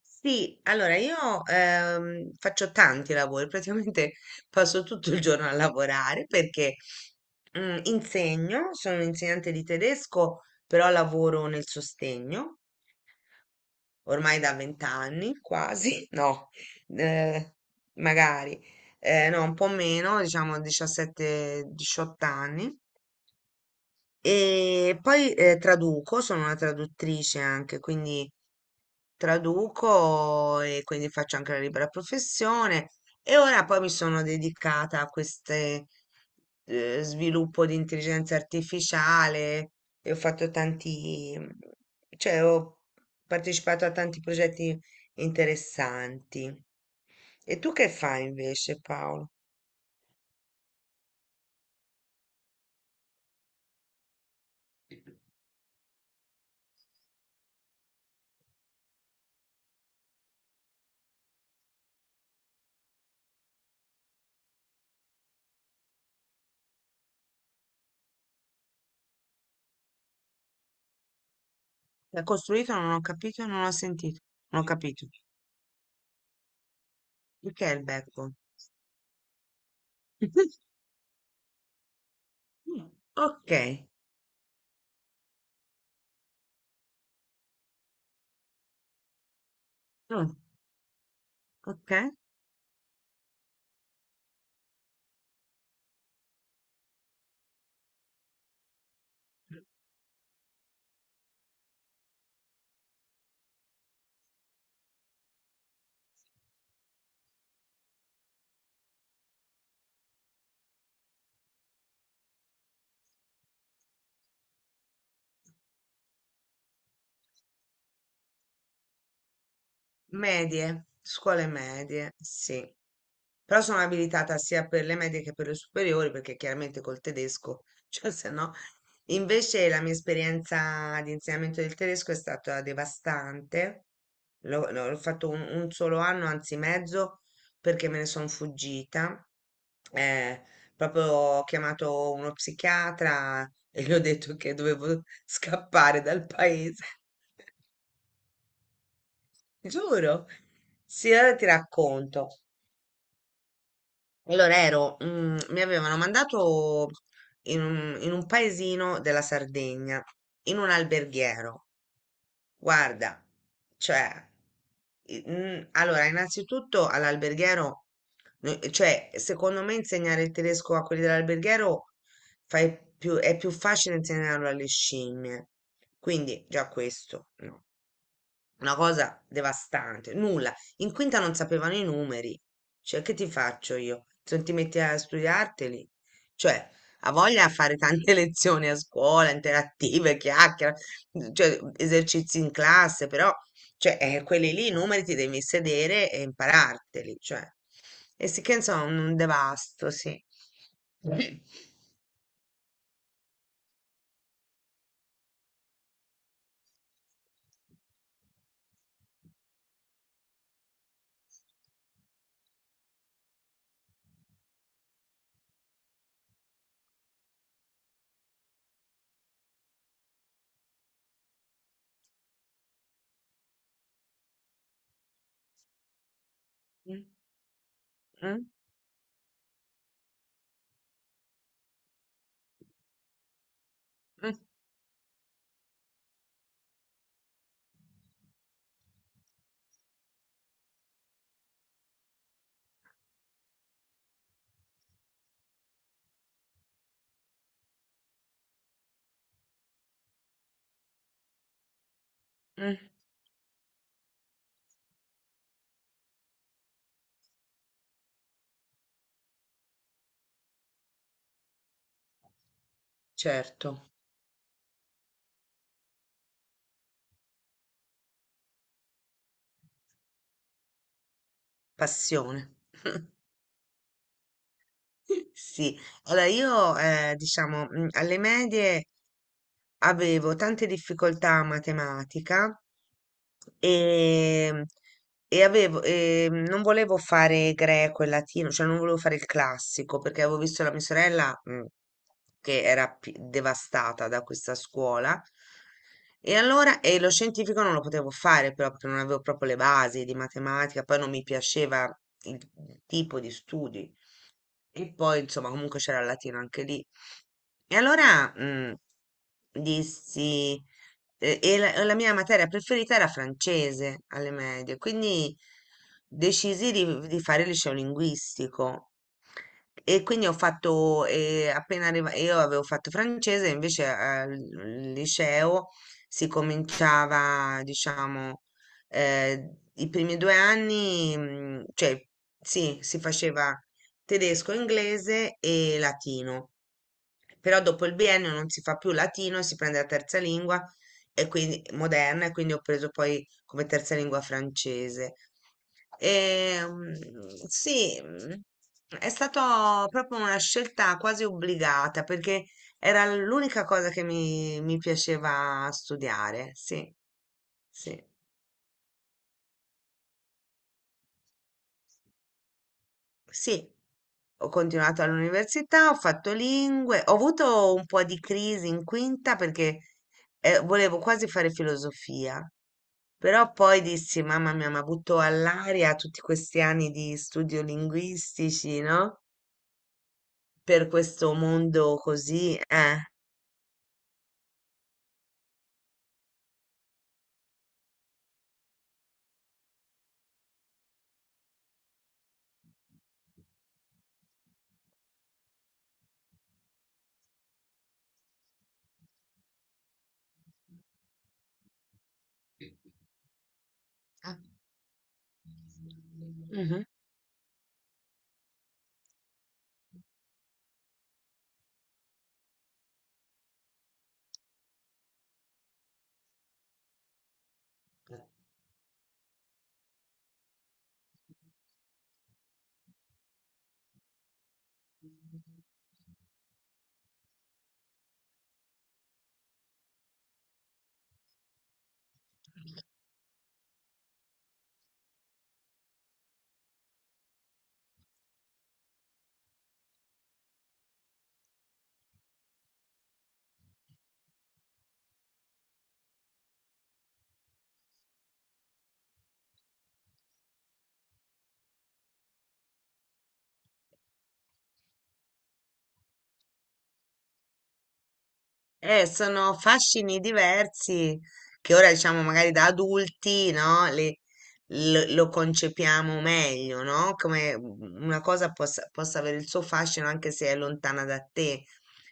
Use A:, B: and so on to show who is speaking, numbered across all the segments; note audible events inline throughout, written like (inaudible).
A: Sì, allora io faccio tanti lavori, praticamente (laughs) passo tutto il giorno a lavorare perché insegno, sono insegnante di tedesco, però lavoro nel sostegno ormai da vent'anni, quasi, (laughs) no, eh, magari, no, un po' meno, diciamo 17-18 anni. E poi traduco, sono una traduttrice anche, quindi traduco e quindi faccio anche la libera professione e ora poi mi sono dedicata a queste sviluppo di intelligenza artificiale e ho fatto tanti, cioè ho partecipato a tanti progetti interessanti. E tu che fai invece, Paolo? L'ha costruito? Non ho capito, non ho sentito, non ho capito. Perché è il backbone? (laughs) Ok, mm, ok. Medie, scuole medie, sì. Però sono abilitata sia per le medie che per le superiori, perché chiaramente col tedesco, (laughs) cioè se no. Invece la mia esperienza di insegnamento del tedesco è stata devastante. L'ho fatto un solo anno, anzi mezzo, perché me ne sono fuggita. Eh, Proprio ho chiamato uno psichiatra e gli ho detto che dovevo (laughs) scappare dal paese. Giuro. Sì, allora ti racconto. Allora ero, mi avevano mandato in un paesino della Sardegna, in un alberghiero. Guarda, cioè, allora, innanzitutto all'alberghiero, cioè, secondo me insegnare il tedesco a quelli dell'alberghiero è più facile insegnarlo alle scimmie. Quindi, già questo, no. Una cosa devastante, nulla. In quinta non sapevano i numeri. Cioè, che ti faccio io? Se non ti metti a studiarteli? Cioè, ha voglia a fare tante (laughs) lezioni a scuola, interattive, chiacchiere, cioè, esercizi in classe, però, cioè, quelli lì, i numeri ti devi sedere e impararteli, cioè. E sì che, insomma, un devasto, sì. Mm, mm, mm, mm, certo, passione. Sì, allora io diciamo alle medie avevo tante difficoltà a matematica e, e avevo, e non volevo fare greco e latino, cioè non volevo fare il classico perché avevo visto la mia sorella che era devastata da questa scuola e allora e lo scientifico non lo potevo fare però perché non avevo proprio le basi di matematica, poi non mi piaceva il tipo di studi e poi, insomma, comunque c'era il latino anche lì. E allora dissi, e la mia materia preferita era francese alle medie, quindi decisi di fare il liceo linguistico. E quindi ho fatto, io avevo fatto francese, invece al liceo si cominciava, diciamo, i primi 2 anni, cioè sì, si faceva tedesco, inglese e latino. Però dopo il biennio non si fa più latino, si prende la terza lingua e quindi moderna e quindi ho preso poi come terza lingua francese. E, sì, è stata proprio una scelta quasi obbligata perché era l'unica cosa che mi piaceva studiare. Sì, sì. Sì, ho continuato all'università, ho fatto lingue, ho avuto un po' di crisi in quinta perché volevo quasi fare filosofia, però poi dissi, mamma mia, mi ha butto all'aria tutti questi anni di studio linguistici, no? Per questo mondo così, eh. Ah. Mhm. Sono fascini diversi che ora diciamo magari da adulti, no? Lo concepiamo meglio, no? Come una cosa possa, possa avere il suo fascino anche se è lontana da te,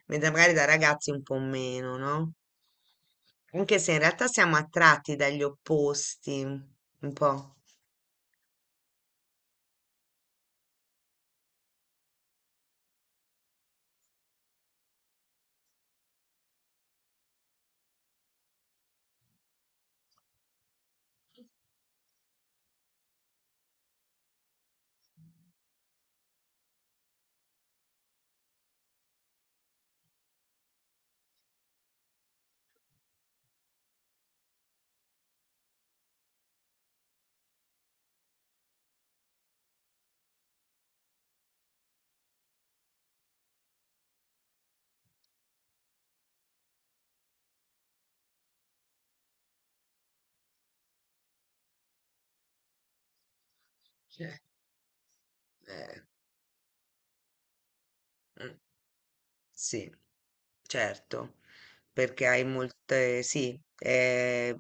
A: mentre magari da ragazzi un po' meno, no? Anche se in realtà siamo attratti dagli opposti, un po'. Cioè, eh, mm. Sì, certo, perché hai molte, sì, è,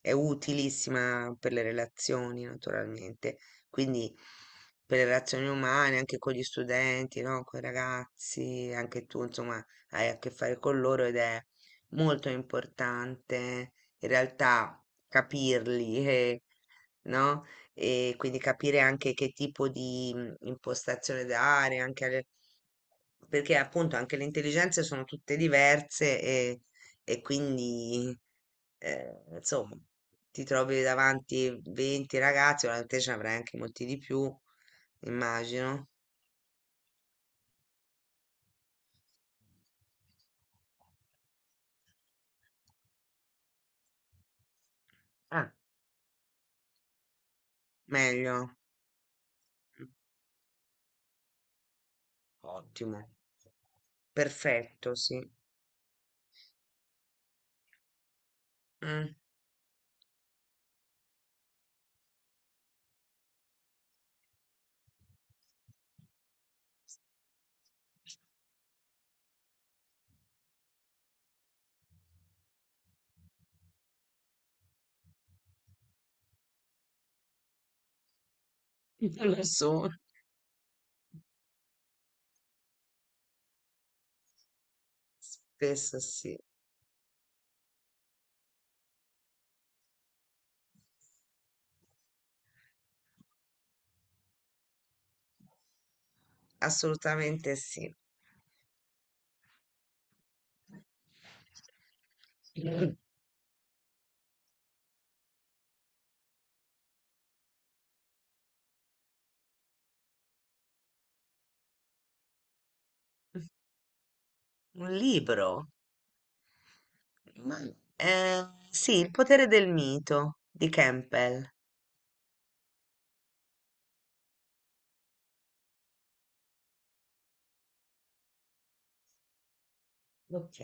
A: è utilissima per le relazioni, naturalmente. Quindi per le relazioni umane, anche con gli studenti, no? Con i ragazzi, anche tu, insomma, hai a che fare con loro ed è molto importante in realtà capirli, no? E quindi capire anche che tipo di impostazione dare, anche alle perché appunto anche le intelligenze sono tutte diverse e quindi insomma ti trovi davanti 20 ragazzi, ora te ce ne avrai anche molti di più, immagino. Ah, meglio. Ottimo. Perfetto, sì. Mm. (laughs) Adesso. Spesso sì, assolutamente sì. Un un libro? Ma- sì, Il potere del mito di Campbell. Ok.